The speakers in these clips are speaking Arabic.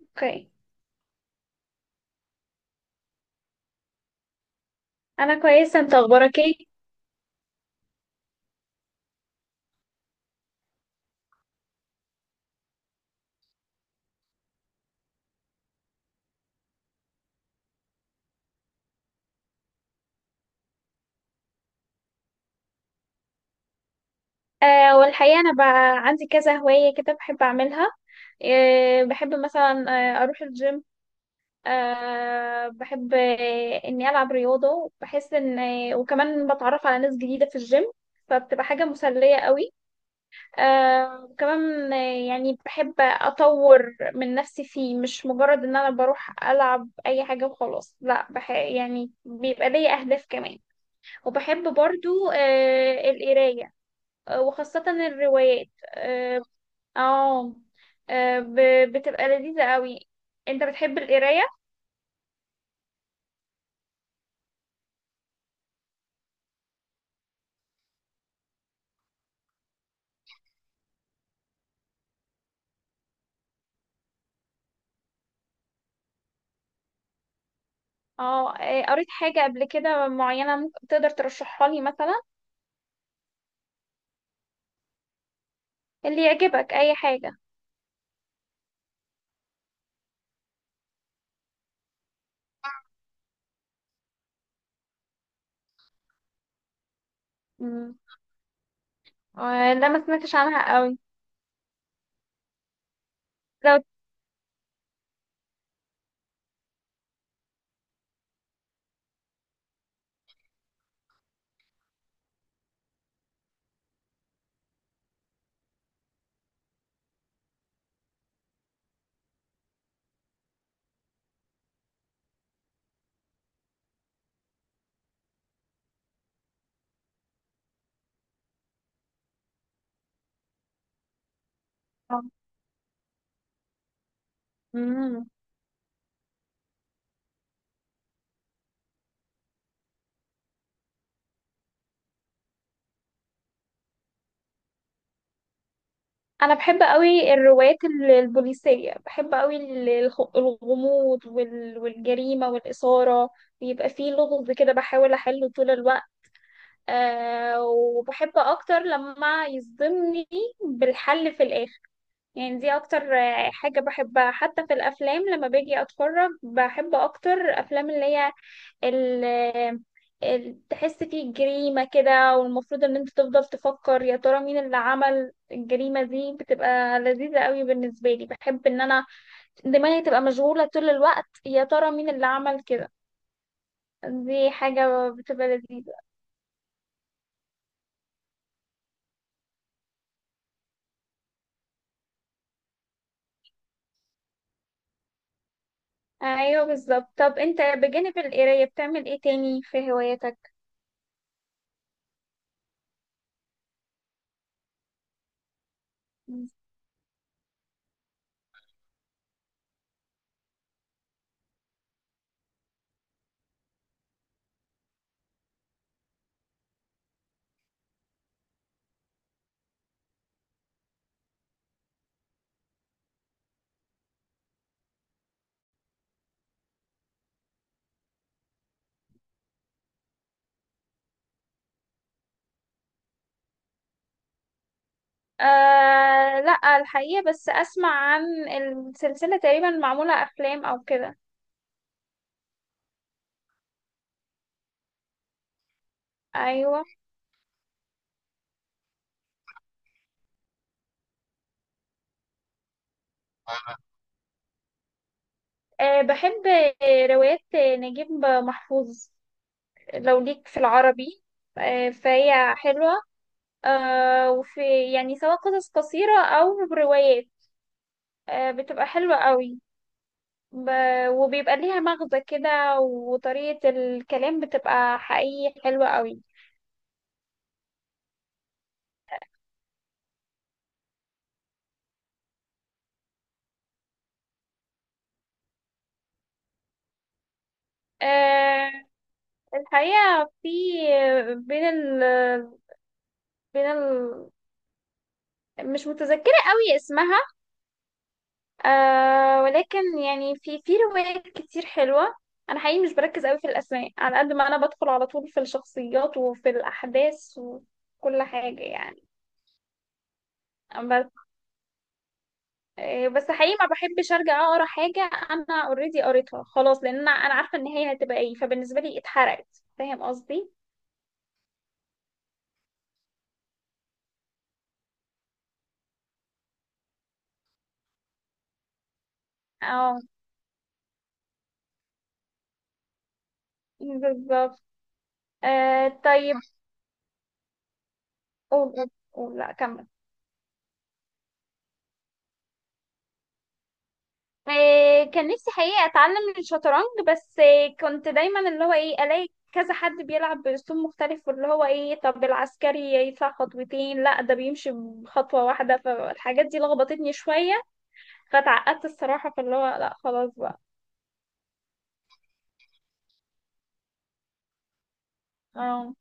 اوكي. انا كويسه. انت اخبارك ايه؟ والحقيقه انا بقى عندي كذا هوايه كده بحب اعملها. بحب مثلا اروح الجيم. بحب اني العب رياضه، بحس ان وكمان بتعرف على ناس جديده في الجيم، فبتبقى حاجه مسليه قوي. آه وكمان آه يعني بحب اطور من نفسي فيه، مش مجرد ان انا بروح العب اي حاجه وخلاص، لا، يعني بيبقى ليا اهداف كمان. وبحب برضو القرايه، وخاصة الروايات. اه. آه، بتبقى لذيذة قوي. انت بتحب القراية؟ اه. قريت حاجة قبل كده معينة ممكن تقدر ترشحها لي مثلا؟ اللي يعجبك، اي حاجة. مم. لا، ما سمعتش عنها قوي. لو. آه. مم. انا بحب قوي الروايات البوليسية، بحب قوي الغموض والجريمة والإثارة. بيبقى فيه لغز كده، بحاول احله طول الوقت. وبحب اكتر لما يصدمني بالحل في الاخر. يعني دي اكتر حاجة بحبها، حتى في الافلام لما باجي اتفرج بحب اكتر افلام اللي هي ال- تحس فيه جريمة كده، والمفروض ان انت تفضل تفكر يا ترى مين اللي عمل الجريمة دي. بتبقى لذيذة قوي بالنسبة لي، بحب ان انا دماغي تبقى مشغولة طول الوقت، يا ترى مين اللي عمل كده. دي حاجة بتبقى لذيذة. ايوه بالظبط. طب انت بجانب القرايه بتعمل ايه تاني في هواياتك؟ لا، الحقيقه بس اسمع عن السلسله، تقريبا معموله افلام او كده. ايوه. بحب روايات نجيب محفوظ لو ليك في العربي، فهي حلوه، وفي يعني سواء قصص قصيره او روايات، بتبقى حلوه قوي. ب... وبيبقى ليها مغزى كده، وطريقه الكلام بتبقى حقيقي حلوه قوي. آه، الحقيقة في بين ال بين ال مش متذكرة قوي اسمها. ولكن يعني في روايات كتير حلوة. أنا حقيقي مش بركز قوي في الأسماء، على قد ما أنا بدخل على طول في الشخصيات وفي الأحداث وكل حاجة يعني. بس بس حقيقي ما بحبش أرجع أقرأ حاجة أنا أوريدي قريتها خلاص، لأن أنا عارفة النهاية هتبقى إيه، فبالنسبة لي اتحرقت. فاهم قصدي؟ اه بالظبط. طيب. قول قول قول، لا كمل. كان نفسي حقيقة أتعلم الشطرنج، بس كنت دايما اللي هو إيه ألاقي كذا حد بيلعب بأسلوب مختلف، واللي هو إيه طب العسكري يدفع خطوتين، لا ده بيمشي بخطوة واحدة، فالحاجات دي لخبطتني شوية فاتعقدت الصراحة، فاللي هو لا خلاص بقى. اه.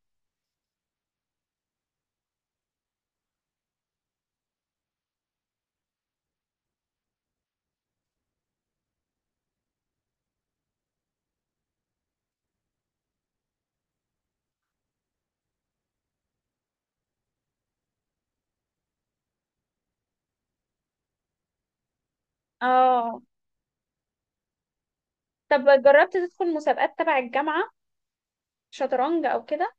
اه. طب جربت تدخل مسابقات تبع الجامعة شطرنج أو كده؟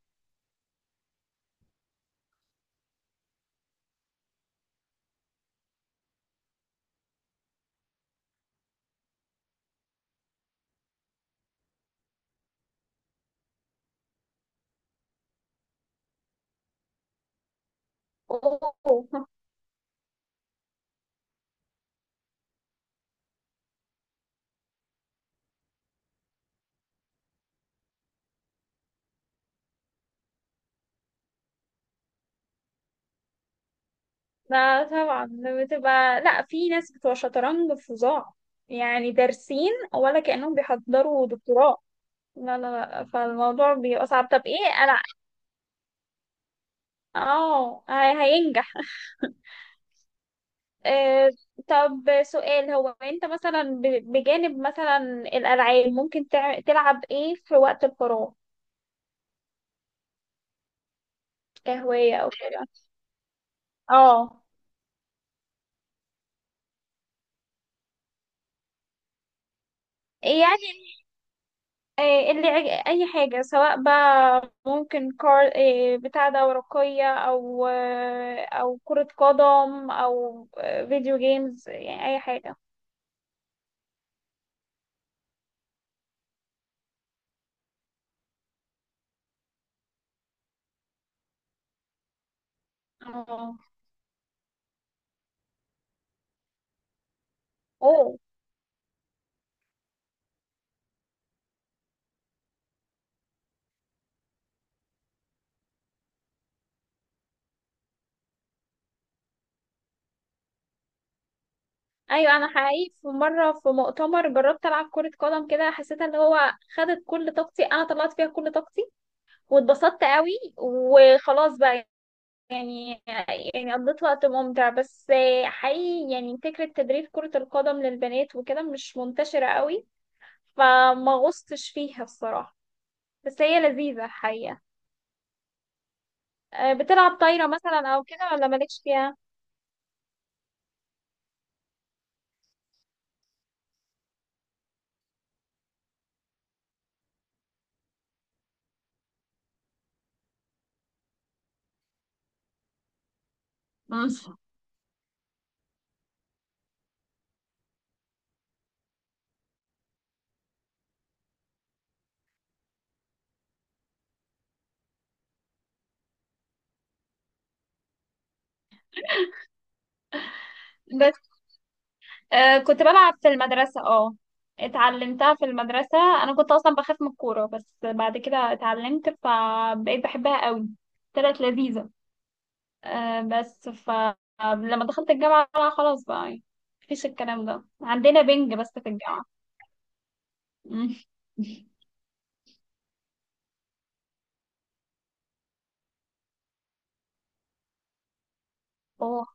أوه. لا طبعا. بتبقى، لا، في ناس بتوع شطرنج فظاع يعني دارسين، ولا كأنهم بيحضروا دكتوراه. لا لا لا، فالموضوع بيبقى صعب. طب ايه انا. اه هينجح. آه طب سؤال. هو انت مثلا بجانب مثلا الألعاب، ممكن تلعب ايه في وقت الفراغ كهواية او كده؟ اه يعني. إيه اللي اي حاجه، سواء بقى ممكن كار إيه بتاع ده ورقيه او او كره قدم او فيديو جيمز، يعني اي حاجه. اه. اوه. ايوه. انا حقيقي في مره في مؤتمر جربت العب كره قدم كده، حسيت اللي هو خدت كل طاقتي، انا طلعت فيها كل طاقتي واتبسطت قوي، وخلاص بقى يعني. قضيت وقت ممتع، بس حقيقي يعني فكره تدريب كره القدم للبنات وكده مش منتشره قوي، فما غصتش فيها الصراحة، بس هي لذيذة حقيقة. بتلعب طايرة مثلا أو كده ولا مالكش فيها؟ مم. بس كنت بلعب في المدرسة. اه، اتعلمتها في المدرسة، أنا كنت أصلا بخاف من الكورة، بس بعد كده اتعلمت فبقيت بحبها قوي، طلعت لذيذة. بس فلما دخلت الجامعة بقى خلاص بقى يعني، مفيش الكلام ده عندنا، بنج بس في الجامعة. مم.